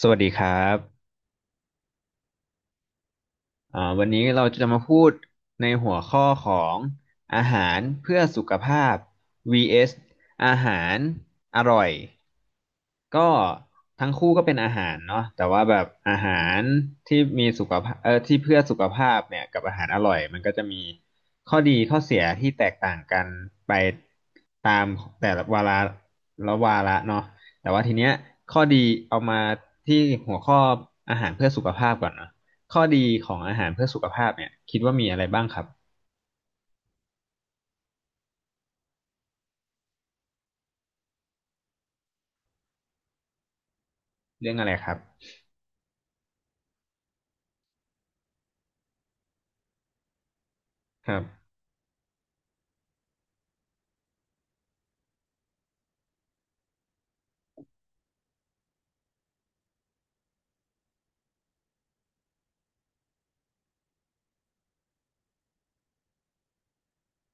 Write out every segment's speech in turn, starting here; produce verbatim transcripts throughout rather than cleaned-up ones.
สวัสดีครับอ่าวันนี้เราจะมาพูดในหัวข้อของอาหารเพื่อสุขภาพ vs อสอาหารอร่อยก็ทั้งคู่ก็เป็นอาหารเนาะแต่ว่าแบบอาหารที่มีสุขภาพเออที่เพื่อสุขภาพเนี่ยกับอาหารอร่อยมันก็จะมีข้อดีข้อเสียที่แตกต่างกันไปตามแต่ละวาระละวาระเนาะแต่ว่าทีเนี้ยข้อดีเอามาที่หัวข้ออาหารเพื่อสุขภาพก่อนเนาะ ข้อดีของอาหารเพื่อสุขภาพเนี่ยคิดว่ามีอะไรบ้างครับเรื่องอะไรครับครับ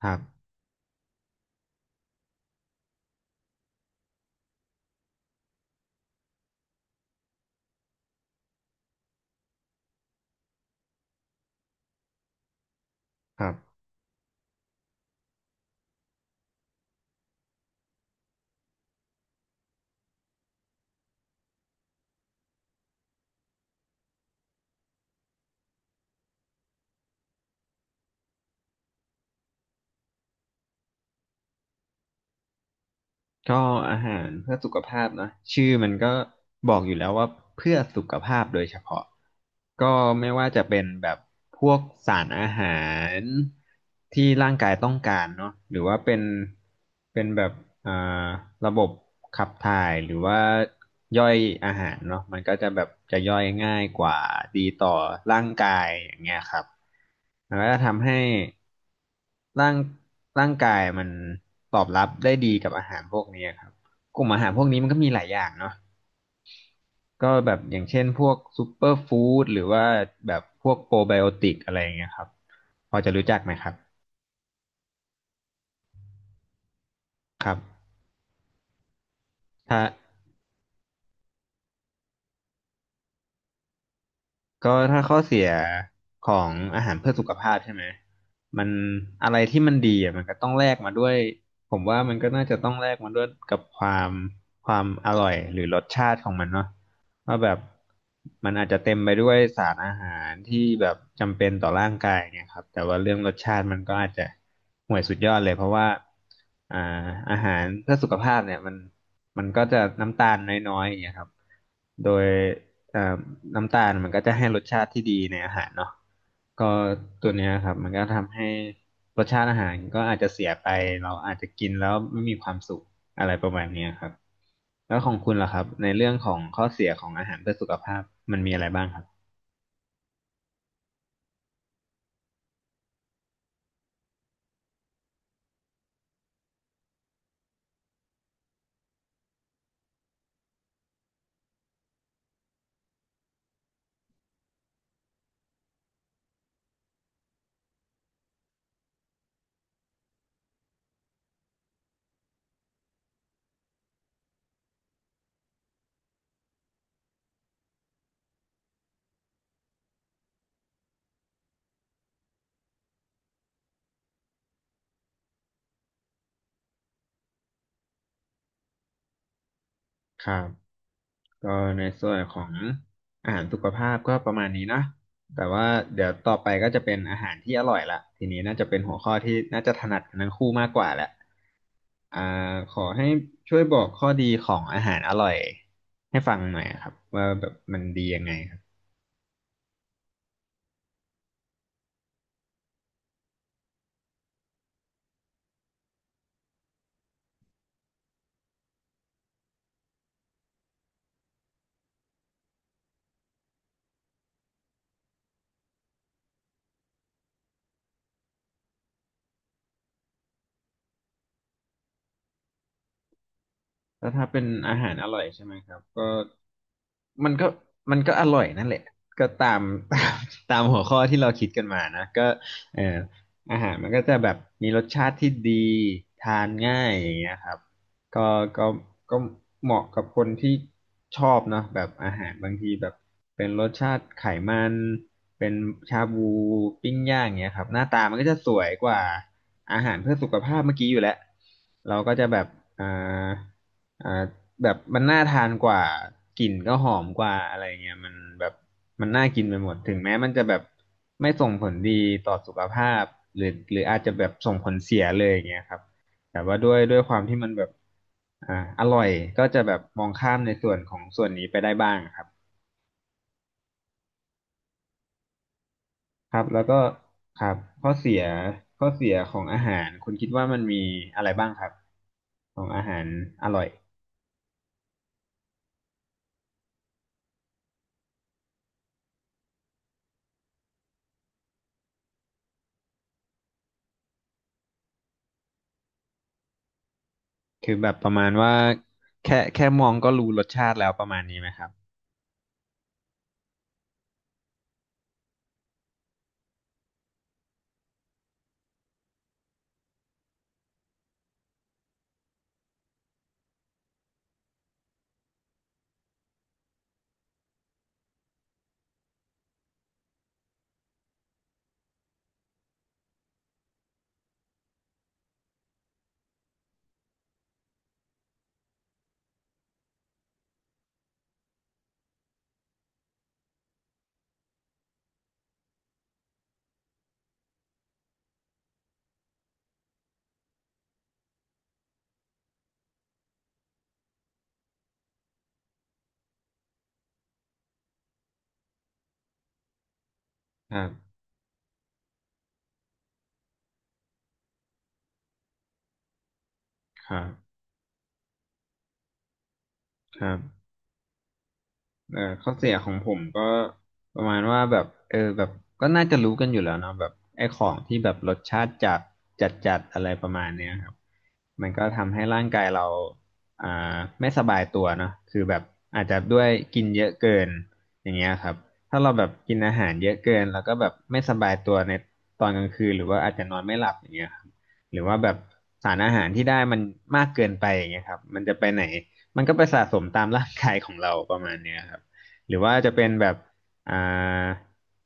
ครับครับ ก็อาหารเพื่อสุขภาพนะชื่อมันก็บอกอยู่แล้วว่าเพื่อสุขภาพโดยเฉพาะก็ไม่ว่าจะเป็นแบบพวกสารอาหารที่ร่างกายต้องการเนาะหรือว่าเป็นเป็นแบบอ่าระบบขับถ่ายหรือว่าย่อยอาหารเนาะมันก็จะแบบจะย่อยง่ายกว่าดีต่อร่างกายอย่างเงี้ยครับมันก็จะทำให้ ร่างร่างกายมันตอบรับได้ดีกับอาหารพวกนี้ครับกลุ่มอาหารพวกนี้มันก็มีหลายอย่างเนาะก็แบบอย่างเช่นพวกซูเปอร์ฟู้ดหรือว่าแบบพวกโปรไบโอติกอะไรอย่างเงี้ยครับพอจะรู้จักไหมครับครับถ้า ก็ถ้าข้อเสียของอาหารเพื่อสุขภาพใช่ไหมมันอะไรที่มันดีอ่ะมันก็ต้องแลกมาด้วยผมว่ามันก็น่าจะต้องแลกมาด้วยกับความความอร่อยหรือรสชาติของมันเนาะว่าแบบมันอาจจะเต็มไปด้วยสารอาหารที่แบบจำเป็นต่อร่างกายเนี่ยครับแต่ว่าเรื่องรสชาติมันก็อาจจะห่วยสุดยอดเลยเพราะว่าอ่าอาหารเพื่อสุขภาพเนี่ยมันมันก็จะน้ำตาลน้อยๆอย่างเงี้ยครับโดย เอ่อน้ำตาลมันก็จะให้รสชาติที่ดีในอาหารเนาะก็ตัวเนี้ยครับมันก็ทำให้รสชาติอาหารก็อาจจะเสียไปเราอาจจะกินแล้วไม่มีความสุขอะไรประมาณเนี้ยครับแล้วของคุณล่ะครับในเรื่องของข้อเสียของอาหารเพื่อสุขภาพมันมีอะไรบ้างครับครับก็ในส่วนของอาหารสุขภาพก็ประมาณนี้นะแต่ว่าเดี๋ยวต่อไปก็จะเป็นอาหารที่อร่อยละทีนี้น่าจะเป็นหัวข้อที่น่าจะถนัดกันทั้งคู่มากกว่าแหละ อ่าขอให้ช่วยบอกข้อดีของอาหารอร่อยให้ฟังหน่อยครับว่าแบบมันดียังไงครับ แล้วถ้าเป็นอาหารอร่อยใช่ไหมครับก็มันก็มันก็อร่อยนั่นแหละก็ตาม ตามตามหัวข้อที่เราคิดกันมานะก็เอ่ออาหารมันก็จะแบบมีรสชาติที่ดีทานง่ายอย่างเงี้ยครับก็ก็ก็เหมาะกับคนที่ชอบเนาะแบบอาหารบางทีแบบเป็นรสชาติไขมันเป็นชาบูปิ้งย่างเงี้ยครับหน้าตามันก็จะสวยกว่าอาหารเพื่อสุขภาพเมื่อกี้อยู่แล้วเราก็จะแบบอ่า อ่าแบบมันน่าทานกว่ากลิ่นก็หอมกว่าอะไรเงี้ยมันแบบมันน่ากินไปหมดถึงแม้มันจะแบบไม่ส่งผลดีต่อสุขภาพหรือหรืออาจจะแบบส่งผลเสียเลยอย่างเงี้ยครับแต่ว่าด้วยด้วยความที่มันแบบอ่าอร่อยก็จะแบบมองข้ามในส่วนของส่วนนี้ไปได้บ้างครับครับแล้วก็ครับข้อเสียข้อเสียของอาหารคุณคิดว่ามันมีอะไรบ้างครับของอาหารอร่อย คือแบบประมาณว่าแค่แค่มองก็รู้รสชาติแล้วประมาณนี้ไหมครับครับครับครับ เออข้อเสียของผมก็ประมาณว่าแบบเออแบบก็น่าจะรู้กันอยู่แล้วเนาะแบบไอ้ของที่แบบรสชาติจัดจัดจัดอะไรประมาณเนี้ยครับมันก็ทำให้ร่างกายเราอ่าไม่สบายตัวเนาะคือแบบอาจจะด้วยกินเยอะเกินอย่างเงี้ยครับถ้าเราแบบกินอาหารเยอะเกินแล้วก็แบบไม่สบายตัวในตอนกลางคืนหรือว่าอาจจะนอนไม่หลับอย่างเงี้ยครับหรือว่าแบบสารอาหารที่ได้มันมากเกินไปอย่างเงี้ยครับมันจะไปไหนมันก็ไปสะสมตามร่างกายของเราประมาณเนี้ยครับ หรือว่าจะเป็นแบบอ่า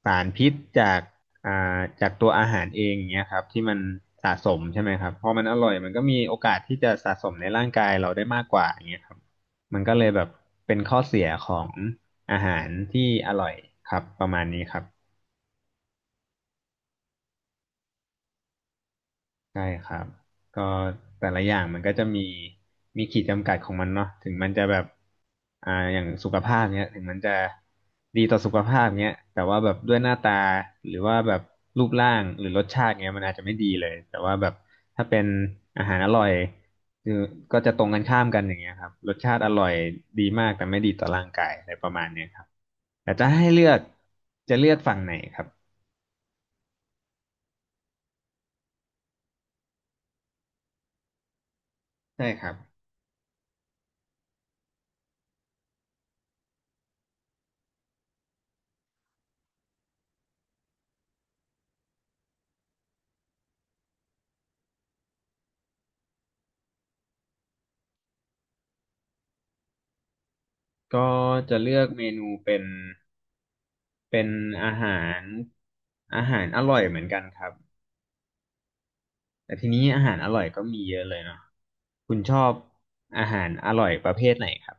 สารพิษจากอ่าจากตัวอาหารเองอย่างเงี้ยครับที่มันสะสมใช่ไหมครับพอมันอร่อยมันก็มีโอกาสที่จะสะสมในร่างกายเราได้มากกว่าอย่างเงี้ยครับมันก็เลยแบบเป็นข้อเสียของอาหารที่อร่อยครับประมาณนี้ครับ ใช่ครับก็แต่ละอย่างมันก็จะมีมีขีดจำกัดของมันเนาะถึงมันจะแบบ อ่าอย่างสุขภาพเนี้ยถึงมันจะดีต่อสุขภาพเนี้ยแต่ว่าแบบด้วยหน้าตาหรือว่าแบบรูปร่างหรือรสชาติเนี้ยมันอาจจะไม่ดีเลย แต่ว่าแบบถ้าเป็นอาหารอร่อยคือก็จะตรงกันข้ามกันอย่างเงี้ยครับรสชาติอร่อยดีมากแต่ไม่ดีต่อร่างกายอะไรประมาณเนี้ยครับแต่จะให้เลือก จะเลือกฝั่งไหนครับใช่ครับก็จะเลือกเมนูเป็น เป็นอาหารอาหารอร่อยเหมือนกันครับแต่ทีนี้อาหารอร่อยก็มีเยอะเลยเนาะคุณชอบอาหารอร่อยประเภทไหนครับ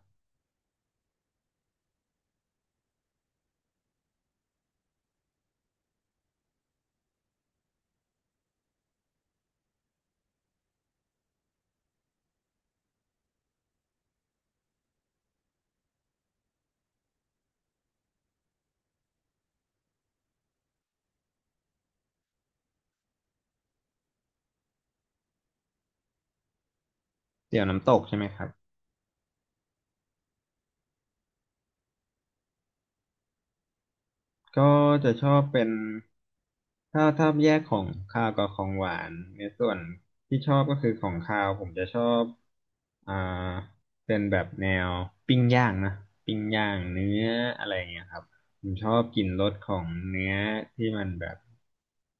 เตี๋ยวน้ำตกใช่ไหมครับ ก็จะชอบเป็นถ้าถ้าแยกของคาวกับของหวานในส่วนที่ชอบก็คือของคาวผมจะชอบอ่าเป็นแบบแนวปิ้งย่างนะปิ้งย่างเนื้ออะไรอย่างเงี้ยครับผมชอบกลิ่นรสของเนื้อที่มันแบบ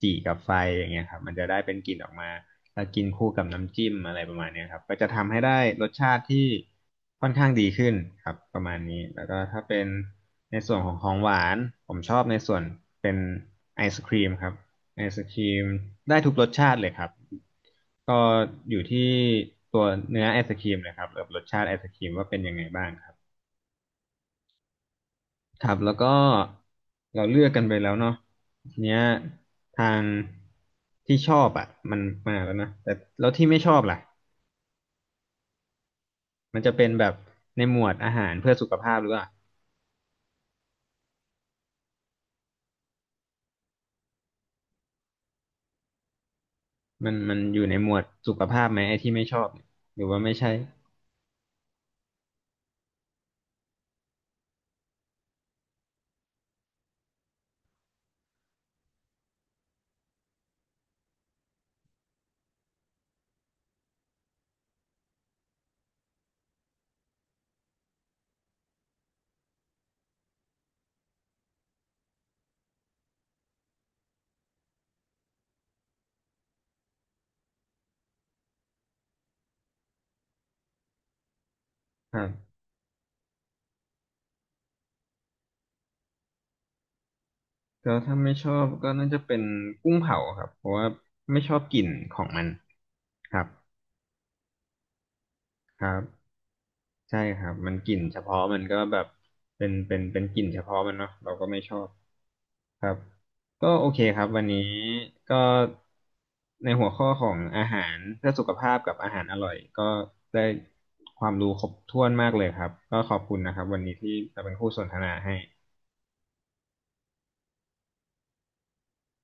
จี่กับไฟอย่างเงี้ยครับมันจะได้เป็นกลิ่นออกมา มากินคู่กับน้ำจิ้มอะไรประมาณเนี้ยครับก็จะทำให้ได้รสชาติที่ค่อนข้างดีขึ้นครับประมาณนี้แล้วก็ถ้าเป็นในส่วนของของหวานผมชอบในส่วนเป็นไอศครีมครับไอศครีมได้ทุกรสชาติเลยครับก็อยู่ที่ตัวเนื้อไอศครีมเลยครับกับรสชาติไอศครีมว่าเป็นยังไงบ้างครับครับแล้วก็เราเลือกกันไปแล้วเนาะทีเนี้ยทางที่ชอบอ่ะมันมาแล้วนะแต่แล้วที่ไม่ชอบล่ะ มันจะเป็นแบบในหมวดอาหารเพื่อสุขภาพหรือว่ามันมันอยู่ในหมวดสุขภาพไหมไอ้ที่ไม่ชอบเนี่ยหรือว่าไม่ใช่ครับก็ถ้าไม่ชอบก็น่าจะเป็นกุ้งเผาครับเพราะว่าไม่ชอบกลิ่นของมันครับครับใช่ครับมันกลิ่นเฉพาะมันก็แบบเป็นเป็นเป็นกลิ่นเฉพาะมันเนาะเราก็ไม่ชอบ ครับก็โอเคครับวันนี้ก็ในหัวข้อของอาหารเพื่อสุขภาพกับอาหารอร่อยก็ได้ความรู้ครบถ้วนมากเลยครับก็ขอบคุณนะครับวันนี้ที่มาเป็นคู่สนทนาให้